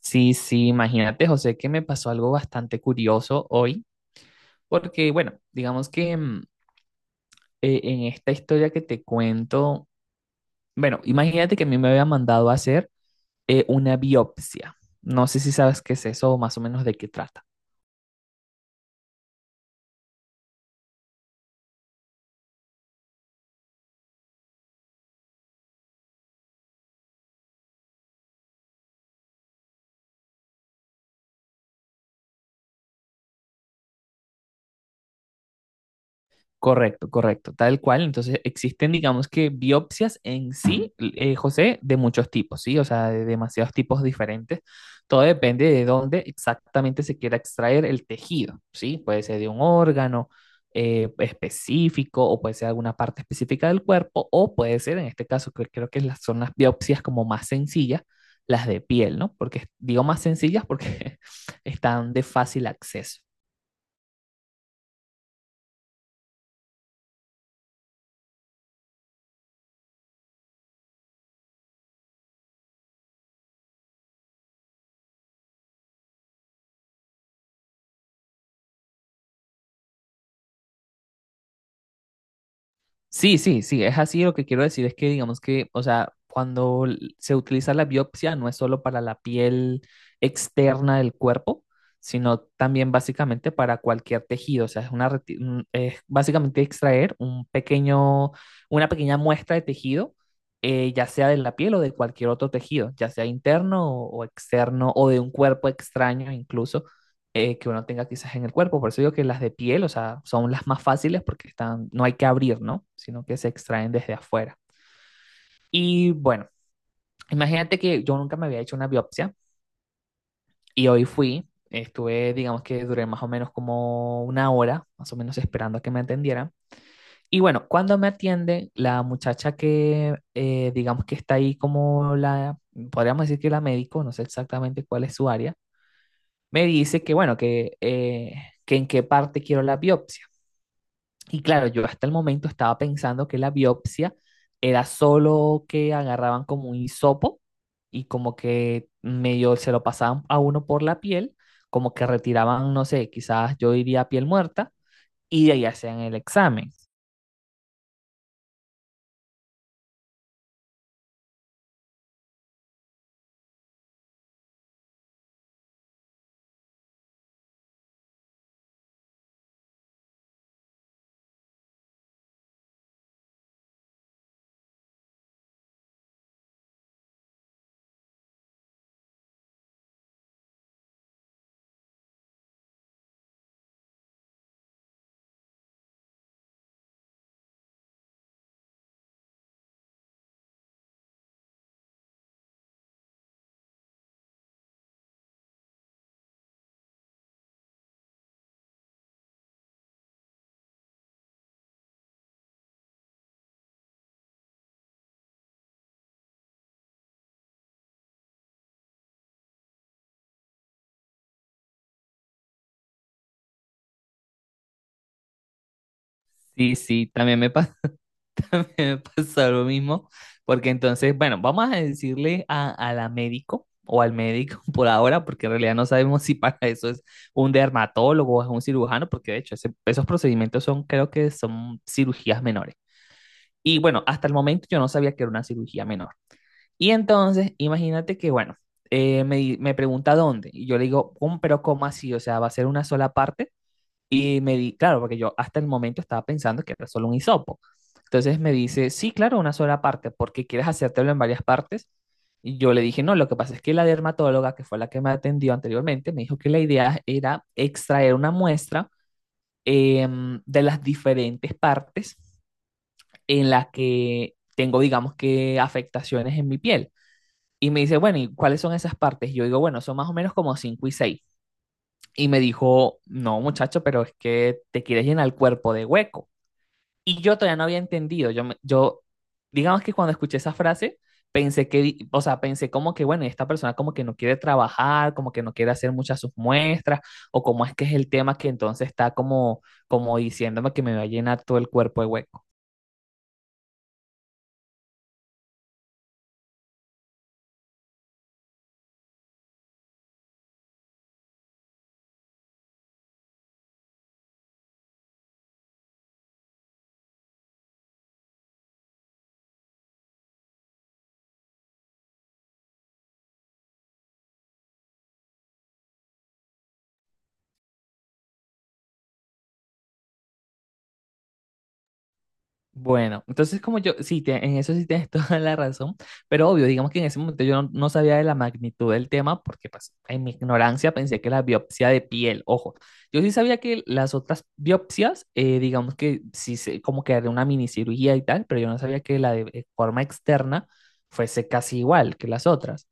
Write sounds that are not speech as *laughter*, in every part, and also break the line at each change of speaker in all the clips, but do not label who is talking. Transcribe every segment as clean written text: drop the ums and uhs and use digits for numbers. Sí, sí, imagínate, José, que me pasó algo bastante curioso hoy, porque, bueno, digamos que en esta historia que te cuento, bueno, imagínate que a mí me había mandado a hacer una biopsia. No sé si sabes qué es eso o más o menos de qué trata. Correcto, correcto, tal cual. Entonces existen, digamos que biopsias en sí, José, de muchos tipos, ¿sí? O sea, de demasiados tipos diferentes. Todo depende de dónde exactamente se quiera extraer el tejido, ¿sí? Puede ser de un órgano específico, o puede ser alguna parte específica del cuerpo, o puede ser, en este caso, que creo que son las biopsias como más sencillas, las de piel, ¿no? Porque digo más sencillas porque *laughs* están de fácil acceso. Sí, sí, sí, es así. Lo que quiero decir es que, digamos que, o sea, cuando se utiliza la biopsia, no es solo para la piel externa del cuerpo, sino también básicamente para cualquier tejido. O sea, es básicamente extraer un pequeño, una pequeña muestra de tejido, ya sea de la piel o de cualquier otro tejido, ya sea interno o externo, o de un cuerpo extraño incluso que uno tenga quizás en el cuerpo. Por eso digo que las de piel, o sea, son las más fáciles porque están, no hay que abrir, ¿no? Sino que se extraen desde afuera. Y bueno, imagínate que yo nunca me había hecho una biopsia y hoy fui, estuve, digamos que duré más o menos como una hora, más o menos, esperando a que me atendieran. Y bueno, cuando me atiende, la muchacha que, digamos que está ahí como la, podríamos decir que la médico, no sé exactamente cuál es su área, me dice que, bueno, que en qué parte quiero la biopsia. Y claro, yo hasta el momento estaba pensando que la biopsia era solo que agarraban como un hisopo y como que medio se lo pasaban a uno por la piel, como que retiraban, no sé, quizás yo diría piel muerta, y de ahí hacían el examen. Sí, sí, también me pasó. *laughs* Me pasó lo mismo, porque entonces, bueno, vamos a decirle a la médico o al médico *laughs* por ahora, porque en realidad no sabemos si para eso es un dermatólogo o es un cirujano, porque de hecho esos procedimientos son, creo que son cirugías menores. Y bueno, hasta el momento yo no sabía que era una cirugía menor. Y entonces, imagínate que, bueno, me pregunta dónde, y yo le digo, pero ¿cómo así? O sea, ¿va a ser una sola parte?" Y claro, porque yo hasta el momento estaba pensando que era solo un hisopo. Entonces me dice, sí, claro, una sola parte, porque quieres hacértelo en varias partes. Y yo le dije, no, lo que pasa es que la dermatóloga, que fue la que me atendió anteriormente, me dijo que la idea era extraer una muestra de las diferentes partes en las que tengo, digamos que, afectaciones en mi piel. Y me dice, bueno, ¿y cuáles son esas partes? Y yo digo, bueno, son más o menos como cinco y seis, y me dijo, no muchacho, pero es que te quieres llenar el cuerpo de hueco. Y yo todavía no había entendido, digamos que cuando escuché esa frase, pensé que, o sea, pensé como que, bueno, esta persona como que no quiere trabajar, como que no quiere hacer muchas sus muestras, o como es que es el tema, que entonces está como, como diciéndome que me va a llenar todo el cuerpo de hueco. Bueno, entonces como yo, sí, en eso sí tienes *laughs* toda la razón, pero obvio, digamos que en ese momento yo no, no sabía de la magnitud del tema, porque pues en mi ignorancia pensé que la biopsia de piel, ojo, yo sí sabía que las otras biopsias, digamos que sí, como que era una minicirugía y tal, pero yo no sabía que la de forma externa fuese casi igual que las otras.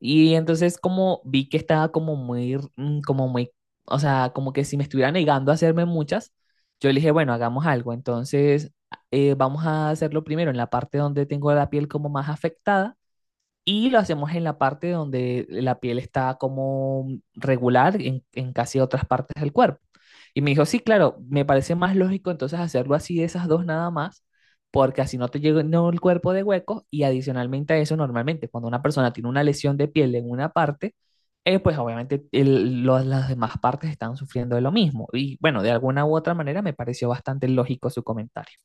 Y entonces como vi que estaba como muy, o sea, como que si me estuviera negando a hacerme muchas, yo le dije, bueno, hagamos algo. Entonces, vamos a hacerlo primero en la parte donde tengo la piel como más afectada, y lo hacemos en la parte donde la piel está como regular en, casi otras partes del cuerpo. Y me dijo, sí, claro, me parece más lógico entonces hacerlo así, de esas dos nada más, porque así no te llega no, el cuerpo de huecos, y adicionalmente a eso, normalmente cuando una persona tiene una lesión de piel en una parte, pues obviamente las demás partes están sufriendo de lo mismo. Y bueno, de alguna u otra manera me pareció bastante lógico su comentario.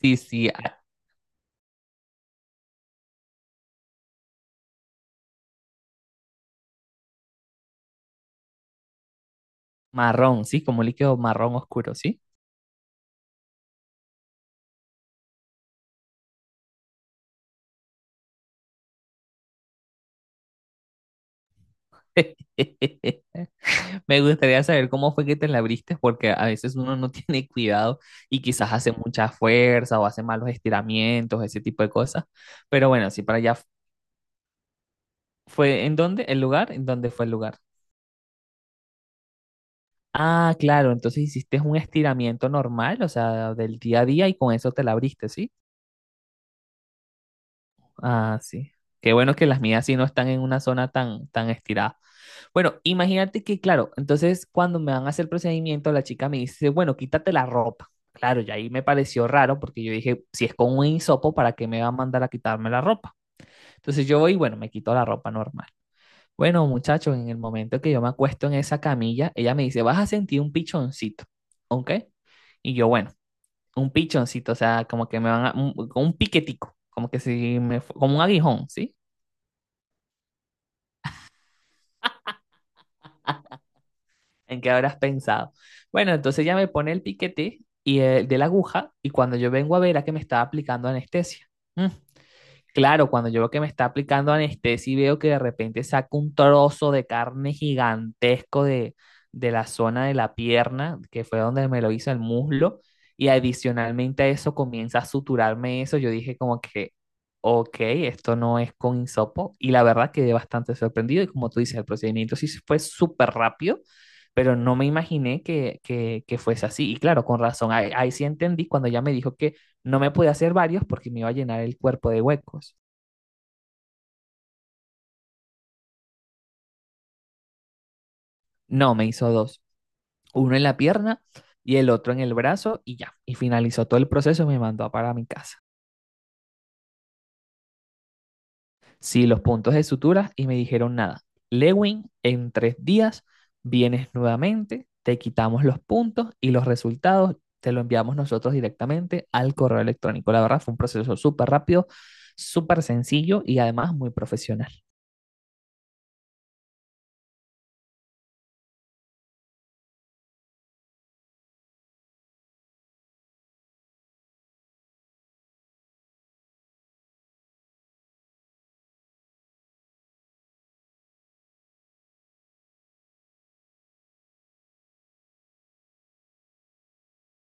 Sí, sí, marrón, sí, como líquido marrón oscuro, sí. *laughs* Me gustaría saber cómo fue que te la abriste, porque a veces uno no *laughs* tiene cuidado y quizás hace mucha fuerza o hace malos estiramientos, ese tipo de cosas. Pero bueno, sí, para allá fue en dónde, el lugar, en dónde fue el lugar. Ah, claro, entonces hiciste un estiramiento normal, o sea, del día a día, y con eso te la abriste, ¿sí? Ah, sí. Qué bueno que las mías sí no están en una zona tan, tan estirada. Bueno, imagínate que, claro, entonces cuando me van a hacer el procedimiento, la chica me dice, bueno, quítate la ropa. Claro, y ahí me pareció raro porque yo dije, si es con un hisopo, ¿para qué me va a mandar a quitarme la ropa? Entonces yo voy, y bueno, me quito la ropa normal. Bueno, muchachos, en el momento que yo me acuesto en esa camilla, ella me dice, vas a sentir un pichoncito, ¿ok? Y yo, bueno, un pichoncito, o sea, como que me van a, un piquetico, como que si me, como un aguijón, ¿sí? ¿En qué habrás pensado? Bueno, entonces ya me pone el piquete y el de la aguja, y cuando yo vengo a ver, a que me estaba aplicando anestesia. Ujú. Claro, cuando yo veo que me está aplicando anestesia y veo que de repente saca un trozo de carne gigantesco de, la zona de la pierna, que fue donde me lo hizo, el muslo, y adicionalmente a eso comienza a suturarme eso, yo dije como que, ok, esto no es con hisopo, y la verdad quedé bastante sorprendido, y como tú dices, el procedimiento sí fue súper rápido, pero no me imaginé que fuese así, y claro, con razón, ahí, ahí sí entendí cuando ya me dijo que no me pude hacer varios porque me iba a llenar el cuerpo de huecos. No, me hizo dos. Uno en la pierna y el otro en el brazo, y ya. Y finalizó todo el proceso y me mandó para mi casa. Sí, los puntos de suturas, y me dijeron nada. Lewin, en 3 días vienes nuevamente, te quitamos los puntos, y los resultados te lo enviamos nosotros directamente al correo electrónico. La verdad fue un proceso súper rápido, súper sencillo y además muy profesional.